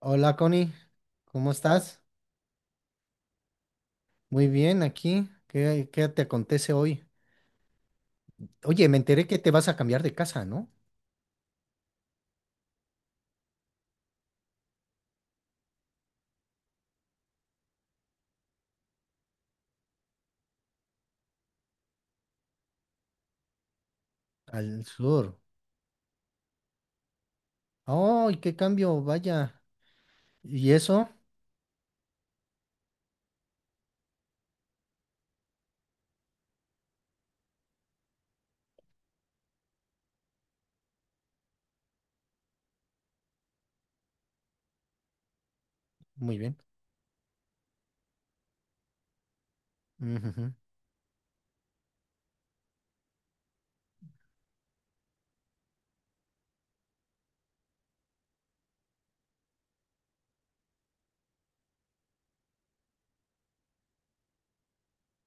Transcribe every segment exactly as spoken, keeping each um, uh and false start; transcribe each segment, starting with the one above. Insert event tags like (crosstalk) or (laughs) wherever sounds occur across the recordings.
Hola Connie, ¿cómo estás? Muy bien, aquí. ¿Qué, qué te acontece hoy? Oye, me enteré que te vas a cambiar de casa, ¿no? Al sur. ¡Ay, qué cambio! Vaya. ¿Y eso? Muy bien. Ujujú.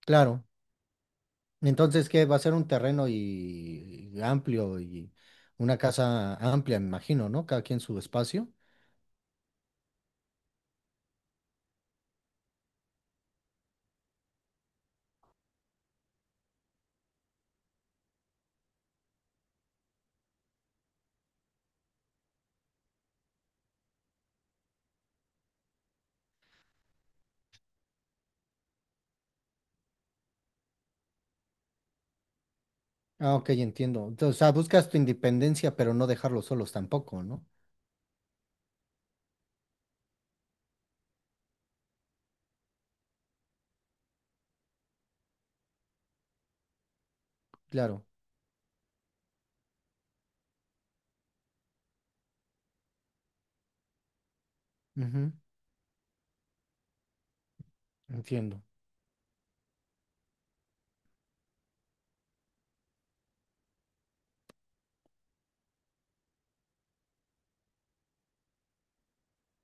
Claro. Entonces, ¿qué? Va a ser un terreno y, y amplio y una casa amplia, me imagino, ¿no? Cada quien su espacio. Ah, ok, entiendo. Entonces, o sea, buscas tu independencia, pero no dejarlos solos tampoco, ¿no? Claro. Ujú. Entiendo.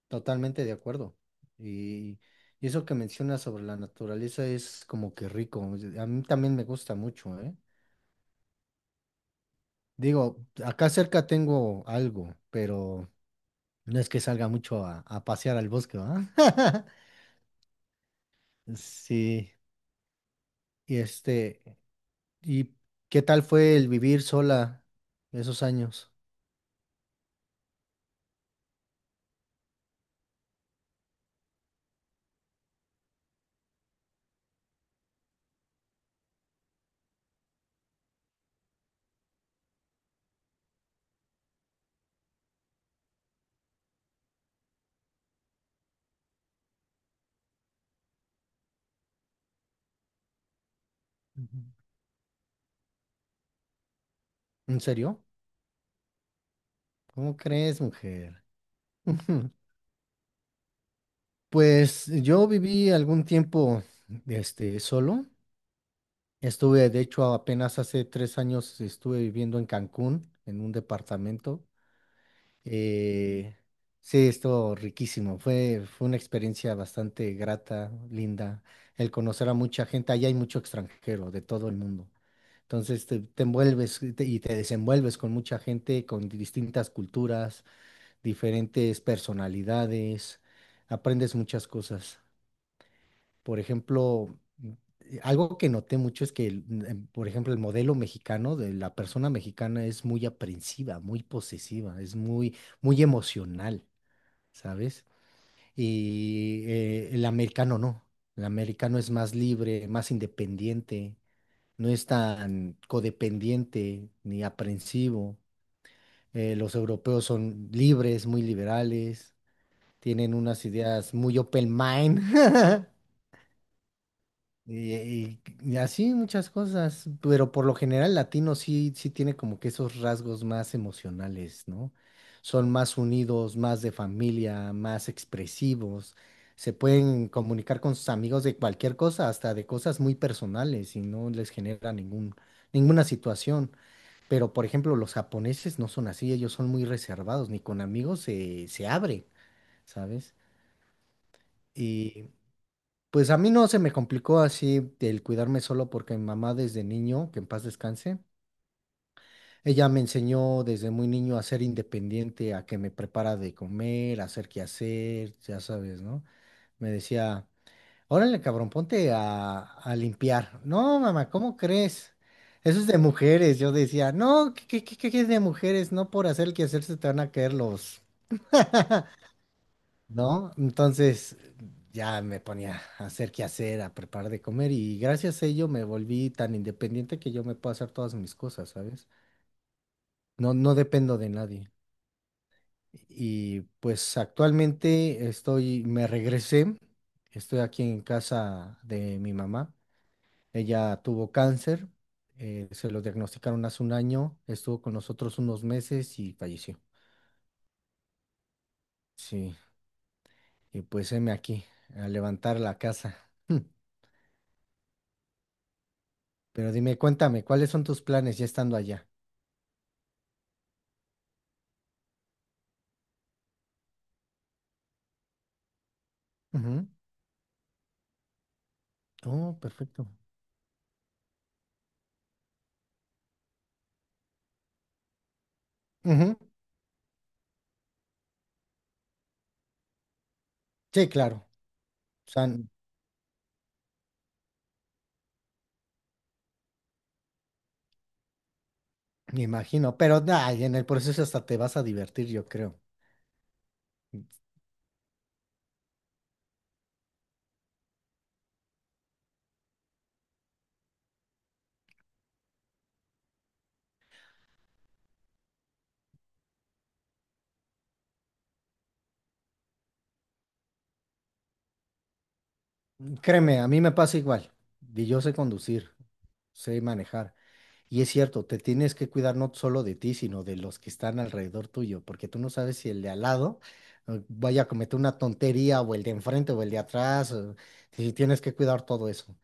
Totalmente de acuerdo. Y, y eso que mencionas sobre la naturaleza es como que rico. A mí también me gusta mucho, ¿eh? Digo, acá cerca tengo algo, pero no es que salga mucho a, a pasear al bosque, ¿verdad? (laughs) Sí. Y este, ¿y qué tal fue el vivir sola esos años? Ujú. ¿En serio? ¿Cómo crees, mujer? (laughs) Pues yo viví algún tiempo, este, solo. Estuve, de hecho, apenas hace tres años estuve viviendo en Cancún, en un departamento. Eh, sí, estuvo riquísimo. Fue, fue una experiencia bastante grata, linda. El conocer a mucha gente. Allá hay mucho extranjero de todo el mundo. Entonces te, te envuelves y te, y te desenvuelves con mucha gente, con distintas culturas, diferentes personalidades. Aprendes muchas cosas. Por ejemplo, eh, algo que noté mucho es que, el- mm, em, por ejemplo, el modelo mexicano de la persona mexicana es muy aprensiva, muy posesiva, es muy, muy emocional, ¿sabes? Y eh, el americano no. El americano es más libre, más independiente, no es tan codependiente ni aprensivo. Eh, los europeos son libres, muy liberales, tienen unas ideas muy open mind. (laughs) Y, y- y así muchas cosas, pero por lo general latino sí, sí tiene como que esos rasgos más emocionales, ¿no? Son más unidos, más de familia, más expresivos, se pueden comunicar con sus amigos de cualquier cosa, hasta de cosas muy personales y no les genera ningún, ninguna situación. Pero por ejemplo, los japoneses no son así, ellos son muy reservados, ni con amigos se, se abren, ¿sabes? Pues a mí no se me complicó así el cuidarme solo porque mi mamá desde niño, que en paz descanse, ella me enseñó desde muy niño a ser independiente, a que me prepara de comer, a hacer qué hacer, ya sabes, ¿no? Me decía, órale, cabrón, ponte a, a limpiar. No, mamá, ¿cómo crees? Eso es de mujeres. Yo decía, no, ¿qué, qué, qué, qué es de mujeres? No por hacer el quehacer se te van a caer los, ¿no? Entonces ya me ponía a hacer qué hacer, a preparar de comer y gracias a ello me volví tan independiente que yo me puedo hacer todas mis cosas, ¿sabes? No, no dependo de nadie. Y pues actualmente estoy, me regresé, estoy aquí en casa de mi mamá. Ella tuvo cáncer, eh, se lo diagnosticaron hace un año, estuvo con nosotros unos meses y falleció. Sí, y pues heme aquí, a levantar la casa. (laughs) Pero dime, cuéntame, ¿cuáles son tus planes ya estando allá? Ujú. Oh, perfecto. Ujú. Sí, claro. O sea, n- me imagino, pero ay, en el proceso hasta te vas a divertir, yo creo. Créeme, a mí me pasa igual. Y yo sé conducir, sé manejar. Y es cierto, te tienes que cuidar no solo de ti, sino de los que están alrededor tuyo, porque tú no sabes si el de al lado eh, vaya a cometer una tontería, o el de enfrente, o el de atrás. o- Y tienes que cuidar todo eso.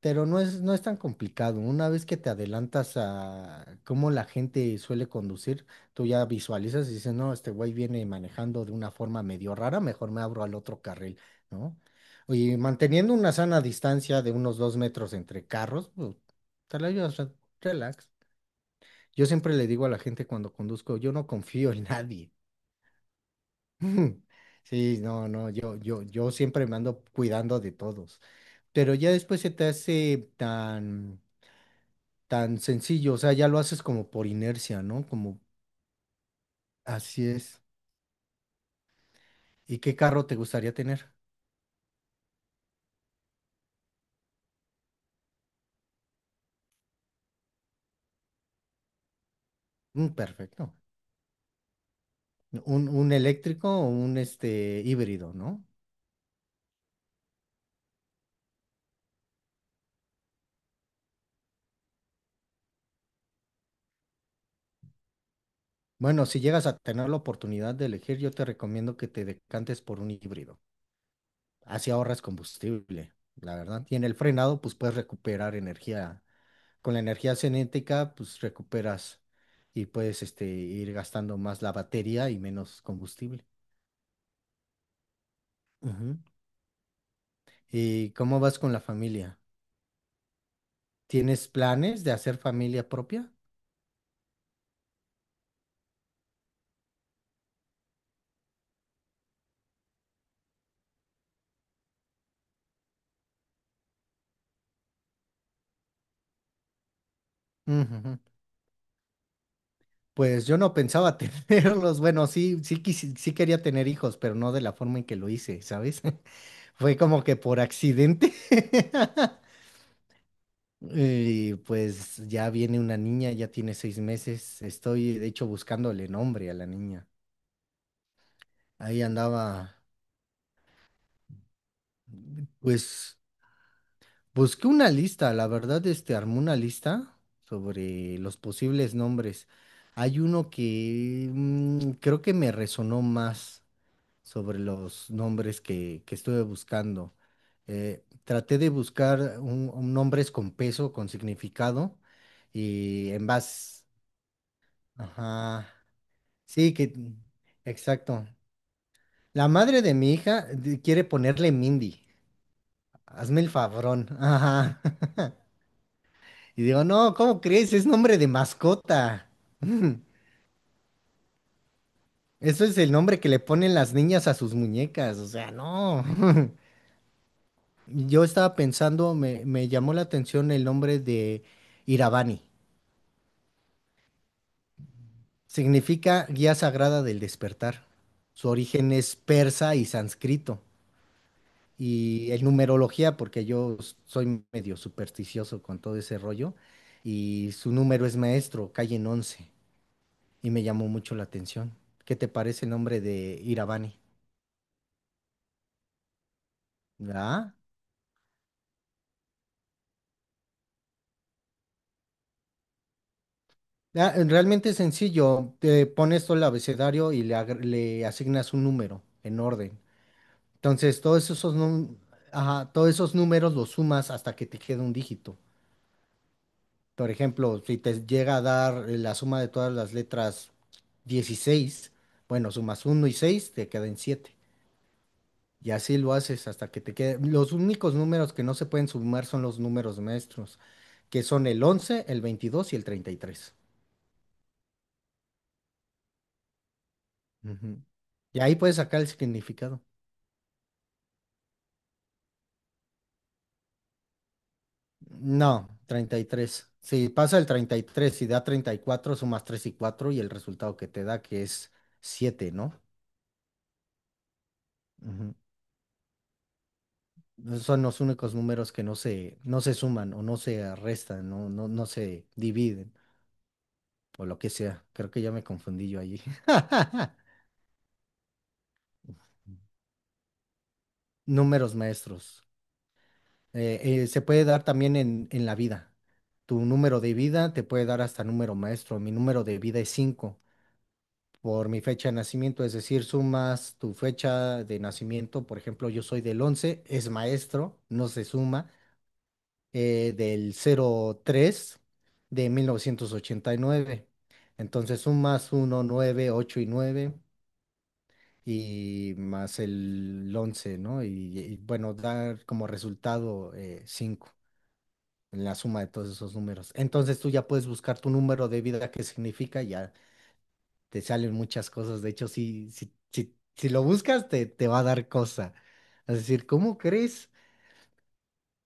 Pero no es, no es tan complicado. Una vez que te adelantas a cómo la gente suele conducir, tú ya visualizas y dices, no, este güey viene manejando de una forma medio rara, mejor me abro al otro carril, ¿no? Y manteniendo una sana distancia de unos dos metros entre carros, pues, te la llevas re- relax. Yo siempre le digo a la gente cuando conduzco, yo no confío en nadie. (laughs) Sí, no, no, yo, yo, yo siempre me ando cuidando de todos. Pero ya después se te hace tan tan sencillo, o sea, ya lo haces como por inercia, ¿no? Como así es. ¿Y qué carro te gustaría tener? Mm, perfecto. Un, un eléctrico o un este híbrido, ¿no? Bueno, si llegas a tener la oportunidad de elegir, yo te recomiendo que te decantes por un híbrido. Así ahorras combustible, la verdad. Y en el frenado, pues puedes recuperar energía. Con la energía cinética, pues recuperas y puedes este, ir gastando más la batería y menos combustible. Ujú. ¿Y cómo vas con la familia? ¿Tienes planes de hacer familia propia? Ujujú. Pues yo no pensaba (laughs) tenerlos. Bueno, sí, sí, quisi- sí quería tener hijos, pero no de la forma en que lo hice, ¿sabes? (laughs) Fue como que por accidente. (laughs) Y pues ya viene una niña, ya tiene seis meses. Estoy, de hecho, buscándole nombre a la niña. Ahí andaba, pues busqué una lista, la verdad, este, armé una lista sobre los posibles nombres. Hay uno que mm, creo que me resonó más sobre los nombres que, que estuve buscando. Eh, traté de buscar un, un nombres con peso, con significado, y en base... Ajá. Sí, que... Exacto. La madre de mi hija eh, quiere ponerle Mindy. Hazme el favorón. Ajá. Y digo, no, ¿cómo crees? Es nombre de mascota. (laughs) Eso es el nombre que le ponen las niñas a sus muñecas, o sea, no. (laughs) Yo estaba pensando, me, me llamó la atención el nombre de Iravani. Significa guía sagrada del despertar. Su origen es persa y sánscrito. Y en numerología, porque yo s- soy medio supersticioso con todo ese rollo, y su número es maestro, calle en once y me llamó mucho la atención. ¿Qué te parece el nombre de Iravani? ¿Verdad? Ah, realmente es sencillo, te pones todo el abecedario y le, agre- le asignas un número en orden. Entonces, todos esos, num- ajá, todos esos números los sumas hasta que te quede un dígito. Por ejemplo, si te llega a dar eh, la suma de todas las letras dieciséis, bueno, sumas uno y seis te quedan siete. Y así lo haces hasta que te quede. Los únicos números que no se pueden sumar son los números maestros, que son el once, el veintidós y el treinta y tres. Ujú. Y ahí puedes sacar el significado. No, treinta y tres. Si pasa el treinta y tres y da treinta y cuatro, sumas tres y cuatro y el resultado que te da, que es siete, ¿no? Ujú. Esos son los únicos números que no se, no se suman o no se restan, no, no, no se dividen o lo que sea. Creo que ya me confundí yo allí. (laughs) Números maestros. Eh, eh, se puede dar también en, en, la vida. Tu número de vida te puede dar hasta número maestro. Mi número de vida es cinco por mi fecha de nacimiento, es decir, sumas tu fecha de nacimiento. Por ejemplo, yo soy del once, es maestro, no se suma, eh, del cero tres de mil novecientos ochenta y nueve. Entonces sumas uno nueve ocho y nueve y más el once, ¿no? Y, y, bueno, dar como resultado eh, cinco, la suma de todos esos números. Entonces tú ya puedes buscar tu número de vida, qué significa, ya te salen muchas cosas. De hecho, si, si, si, si lo buscas, te, te va a dar cosa. Es decir, ¿cómo crees?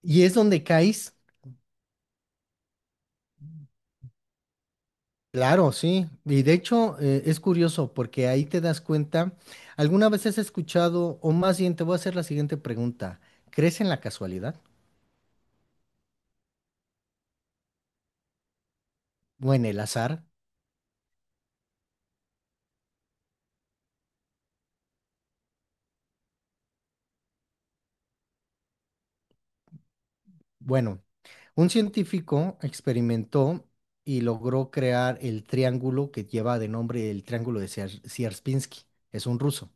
Y es donde caes. Claro, sí. Y de hecho, eh, es curioso porque ahí te das cuenta. ¿Alguna vez has escuchado, o más bien te voy a hacer la siguiente pregunta? ¿Crees en la casualidad o en el azar? Bueno, un científico experimentó y logró crear el triángulo que lleva de nombre el triángulo de Sier- Sierpinski. Es un ruso.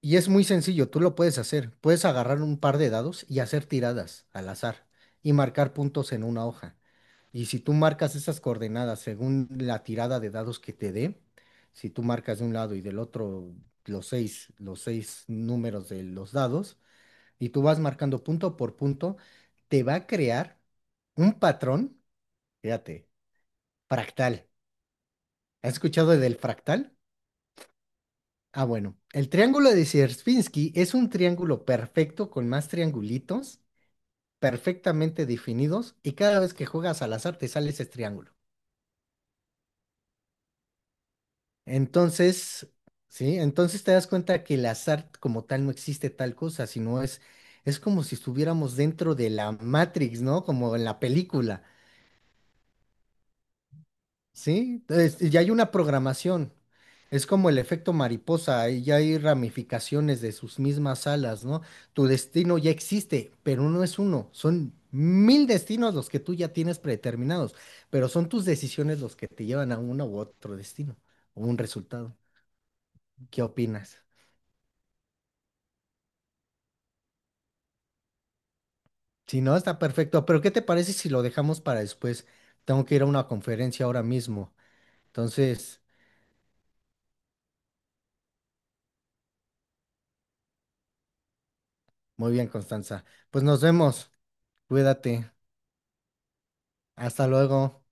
Y es muy sencillo, tú lo puedes hacer. Puedes agarrar un par de dados y hacer tiradas al azar y marcar puntos en una hoja. Y si tú marcas esas coordenadas según la tirada de dados que te dé, si tú marcas de un lado y del otro los seis, los seis números de los dados, y tú vas marcando punto por punto, te va a crear un patrón, fíjate, fractal. ¿Has escuchado del fractal? Ah, bueno, el triángulo de Sierpinski es un triángulo perfecto con más triangulitos perfectamente definidos y cada vez que juegas al azar te sale ese triángulo. Entonces, sí, entonces te das cuenta que el azar como tal no existe tal cosa, sino es, es como si estuviéramos dentro de la Matrix, ¿no? Como en la película. Sí, es- ya hay una programación. Es como el efecto mariposa, ahí ya hay ramificaciones de sus mismas alas, ¿no? Tu destino ya existe, pero no es uno, son mil destinos los que tú ya tienes predeterminados, pero son tus decisiones los que te llevan a uno u otro destino o un resultado. ¿Qué opinas? Si no, está perfecto, pero ¿qué te parece si lo dejamos para después? Tengo que ir a una conferencia ahora mismo. Entonces, muy bien, Constanza. Pues nos vemos, cuídate, hasta luego.